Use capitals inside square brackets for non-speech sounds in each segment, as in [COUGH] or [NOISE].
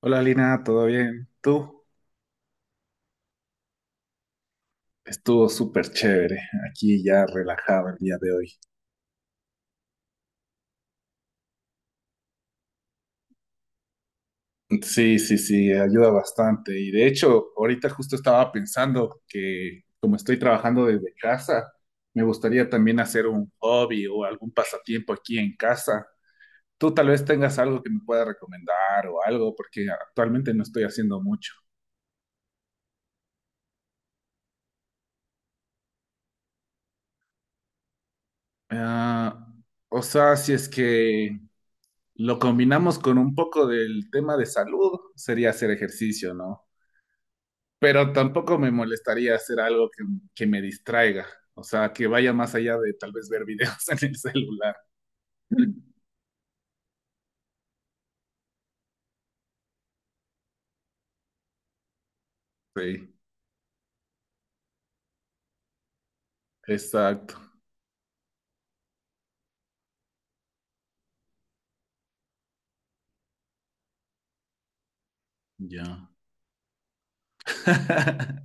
Hola Lina, ¿todo bien? ¿Tú? Estuvo súper chévere, aquí ya relajado el día de hoy. Sí, sí, sí, ayuda bastante. Y de hecho, ahorita justo estaba pensando que como estoy trabajando desde casa, me gustaría también hacer un hobby o algún pasatiempo aquí en casa. Tú tal vez tengas algo que me pueda recomendar o algo, porque actualmente no estoy haciendo mucho. Ah, o sea, si es que lo combinamos con un poco del tema de salud, sería hacer ejercicio, ¿no? Pero tampoco me molestaría hacer algo que me distraiga, o sea, que vaya más allá de tal vez ver videos [LAUGHS] en el celular. Sí, exacto, ya. [LAUGHS]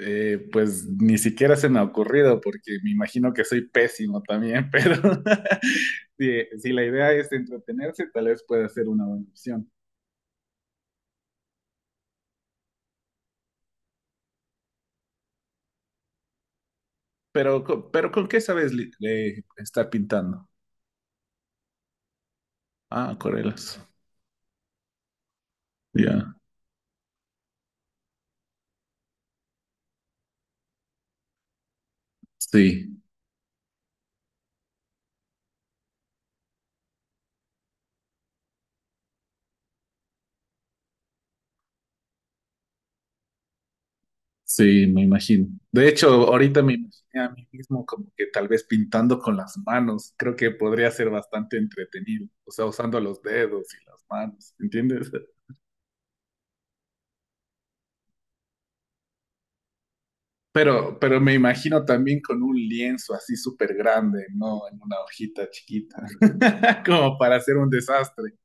Pues ni siquiera se me ha ocurrido porque me imagino que soy pésimo también, [LAUGHS] pero [LAUGHS] si la idea es entretenerse, tal vez pueda ser una buena opción. Pero, pero ¿con qué sabes estar pintando? Ah, Corelas. Ya. Sí, sí, me imagino. De hecho, ahorita me imaginé a mí mismo como que tal vez pintando con las manos. Creo que podría ser bastante entretenido. O sea, usando los dedos y las manos, ¿entiendes? Pero me imagino también con un lienzo así súper grande, no en una hojita chiquita, [LAUGHS] como para hacer un desastre.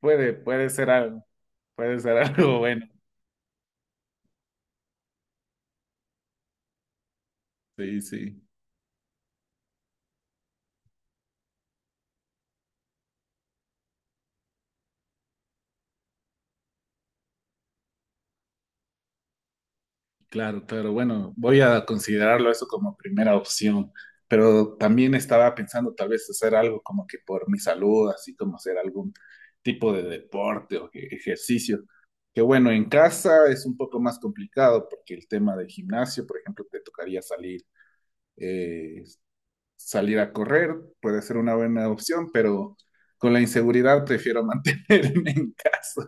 Puede ser algo, puede ser algo [LAUGHS] bueno. Sí, sí. Claro, claro. Bueno, voy a considerarlo eso como primera opción, pero también estaba pensando tal vez hacer algo como que por mi salud, así como hacer algún tipo de deporte o ejercicio. Que bueno, en casa es un poco más complicado porque el tema del gimnasio, por ejemplo, te tocaría salir, eh, salir a correr, puede ser una buena opción, pero con la inseguridad prefiero [LAUGHS] mantenerme en casa.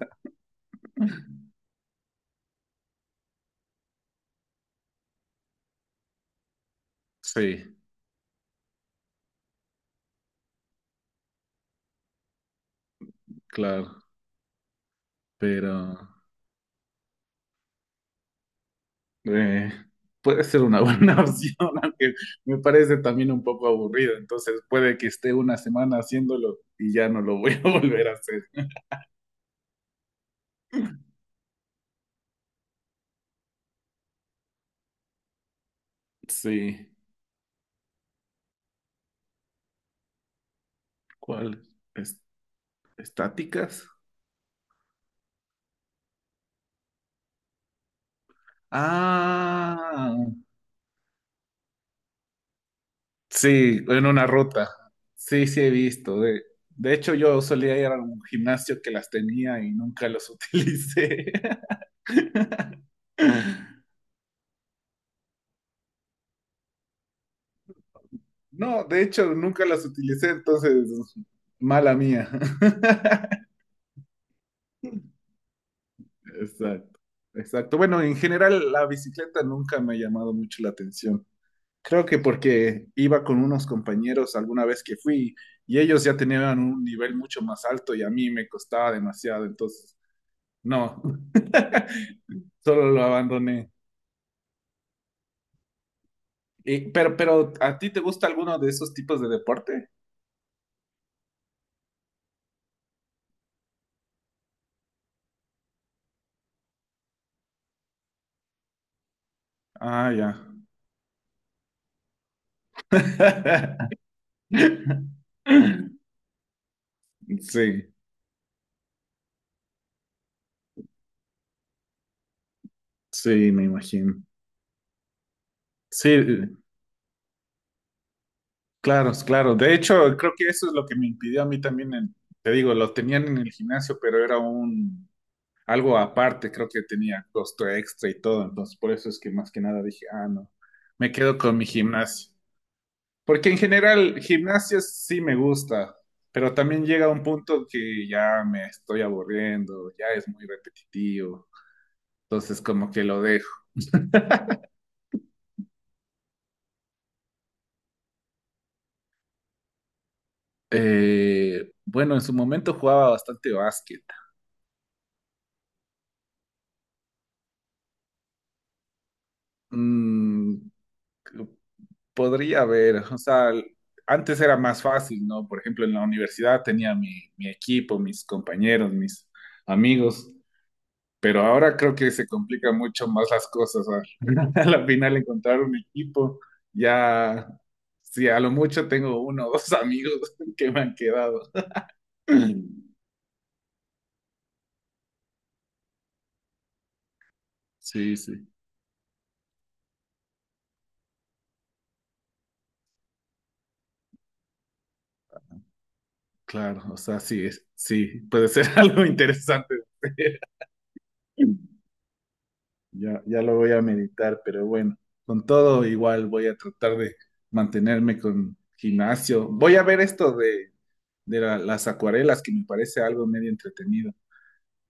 Sí, claro, pero... Eh, puede ser una buena [LAUGHS] opción, aunque me parece también un poco aburrido. Entonces puede que esté una semana haciéndolo y ya no lo voy a [LAUGHS] volver a hacer. Sí. ¿Cuál? Es- ¿Estáticas? Ah, sí, en una ruta. Sí, sí he visto. De hecho, yo solía ir a un gimnasio que las tenía y nunca los [LAUGHS] utilicé. No, de hecho, nunca las utilicé, entonces, mala mía. [LAUGHS] Exacto, exacto. Bueno, en general la bicicleta nunca me ha llamado mucho la atención. Creo que porque iba con unos compañeros alguna vez que fui y ellos ya tenían un nivel mucho más alto y a mí me costaba demasiado, entonces no, [LAUGHS] solo lo abandoné. Pero, ¿a ti te gusta alguno de esos tipos de deporte? Ah, ya. [LAUGHS] Sí, sí, me imagino. Sí, claro, claro. De hecho, creo que eso es lo que me impidió a mí también, te digo, lo tenían en el gimnasio, pero era un algo aparte, creo que tenía costo extra y todo, entonces por eso es que más que nada dije, ah, no, me quedo con mi gimnasio. Porque en general, gimnasio sí me gusta, pero también llega un punto que ya me estoy aburriendo, ya es muy repetitivo, entonces como que lo dejo. Bueno, en su momento jugaba bastante básquet. Mm, podría haber, o sea, antes era más fácil, ¿no? Por ejemplo, en la universidad tenía mi equipo, mis compañeros, mis amigos, pero ahora creo que se complican mucho más las cosas. A, [LAUGHS] a la final encontrar un equipo, ya, sí, a lo mucho tengo uno o dos amigos [LAUGHS] que me han quedado. Sí, sí, claro, o sea, sí, sí, puede ser [LAUGHS] algo interesante. [LAUGHS] Ya, ya lo voy a meditar, pero bueno, con todo igual voy a tratar de mantenerme con gimnasio. Voy a ver esto de las acuarelas, que me parece algo medio entretenido.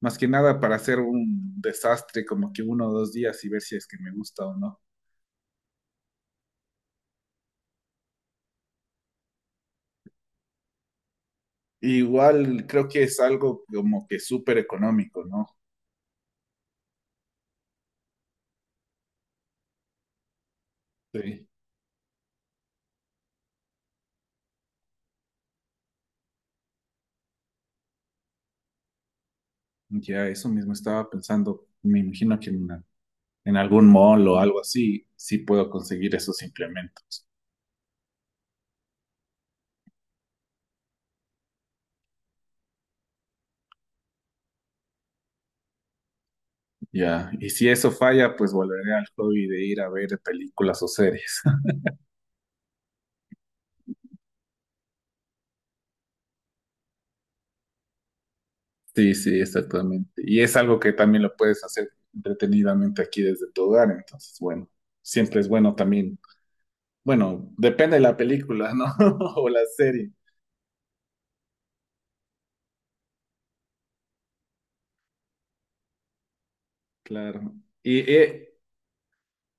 Más que nada para hacer un desastre como que uno o dos días y ver si es que me gusta o no. Igual creo que es algo como que súper económico, ¿no? Sí. Ya eso mismo estaba pensando. Me imagino que en algún mall o algo así, sí puedo conseguir esos implementos. Ya, y si eso falla, pues volveré al hobby de ir a ver películas o series. [LAUGHS] Sí, sí, exactamente. Y es algo que también lo puedes hacer entretenidamente aquí desde tu hogar, entonces, bueno, siempre es bueno también. Bueno, depende de la película, ¿no? [LAUGHS] O la serie, claro. Y, eh,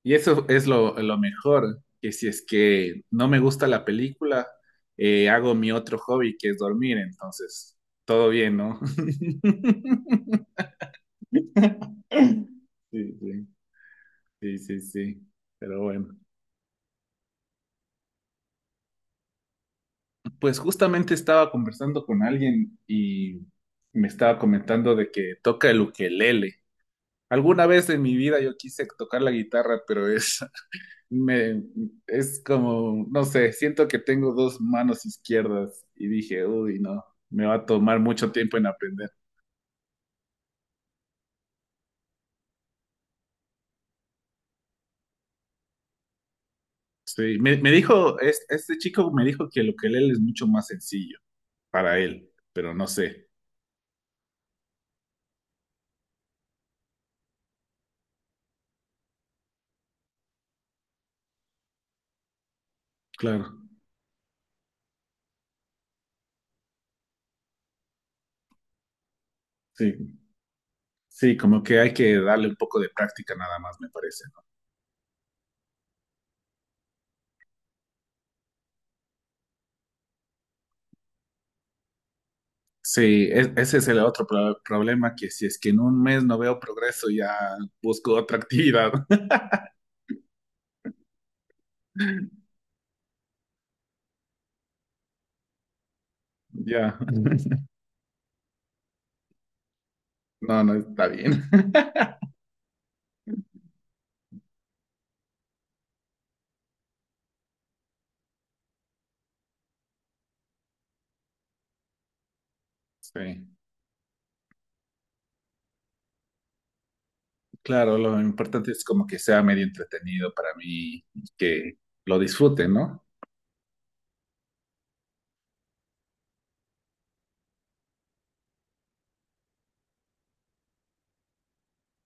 y eso es lo mejor, que si es que no me gusta la película, hago mi otro hobby, que es dormir, entonces, todo bien, ¿no? [LAUGHS] Sí, sí. Sí, sí, sí. Pero bueno, pues justamente estaba conversando con alguien y me estaba comentando de que toca el ukelele. Alguna vez en mi vida yo quise tocar la guitarra, pero es, [LAUGHS] me, es como, no sé, siento que tengo dos manos izquierdas y dije, uy, no, me va a tomar mucho tiempo en aprender. Sí, me dijo, este chico me dijo que el ukelele es mucho más sencillo para él, pero no sé. Claro. Sí, sí, como que hay que darle un poco de práctica nada más, me parece, ¿no? Sí, ese es el otro problema, que si es que en un mes no veo progreso, ya busco otra actividad. [LAUGHS] Ya, no, no está bien. [LAUGHS] Sí, claro, lo importante es como que sea medio entretenido para mí, y que lo disfrute, ¿no?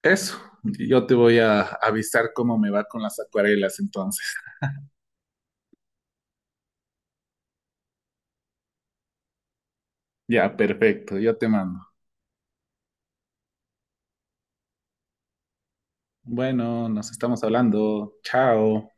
Eso, yo te voy a avisar cómo me va con las acuarelas entonces. Ya, perfecto, yo te mando. Bueno, nos estamos hablando. Chao.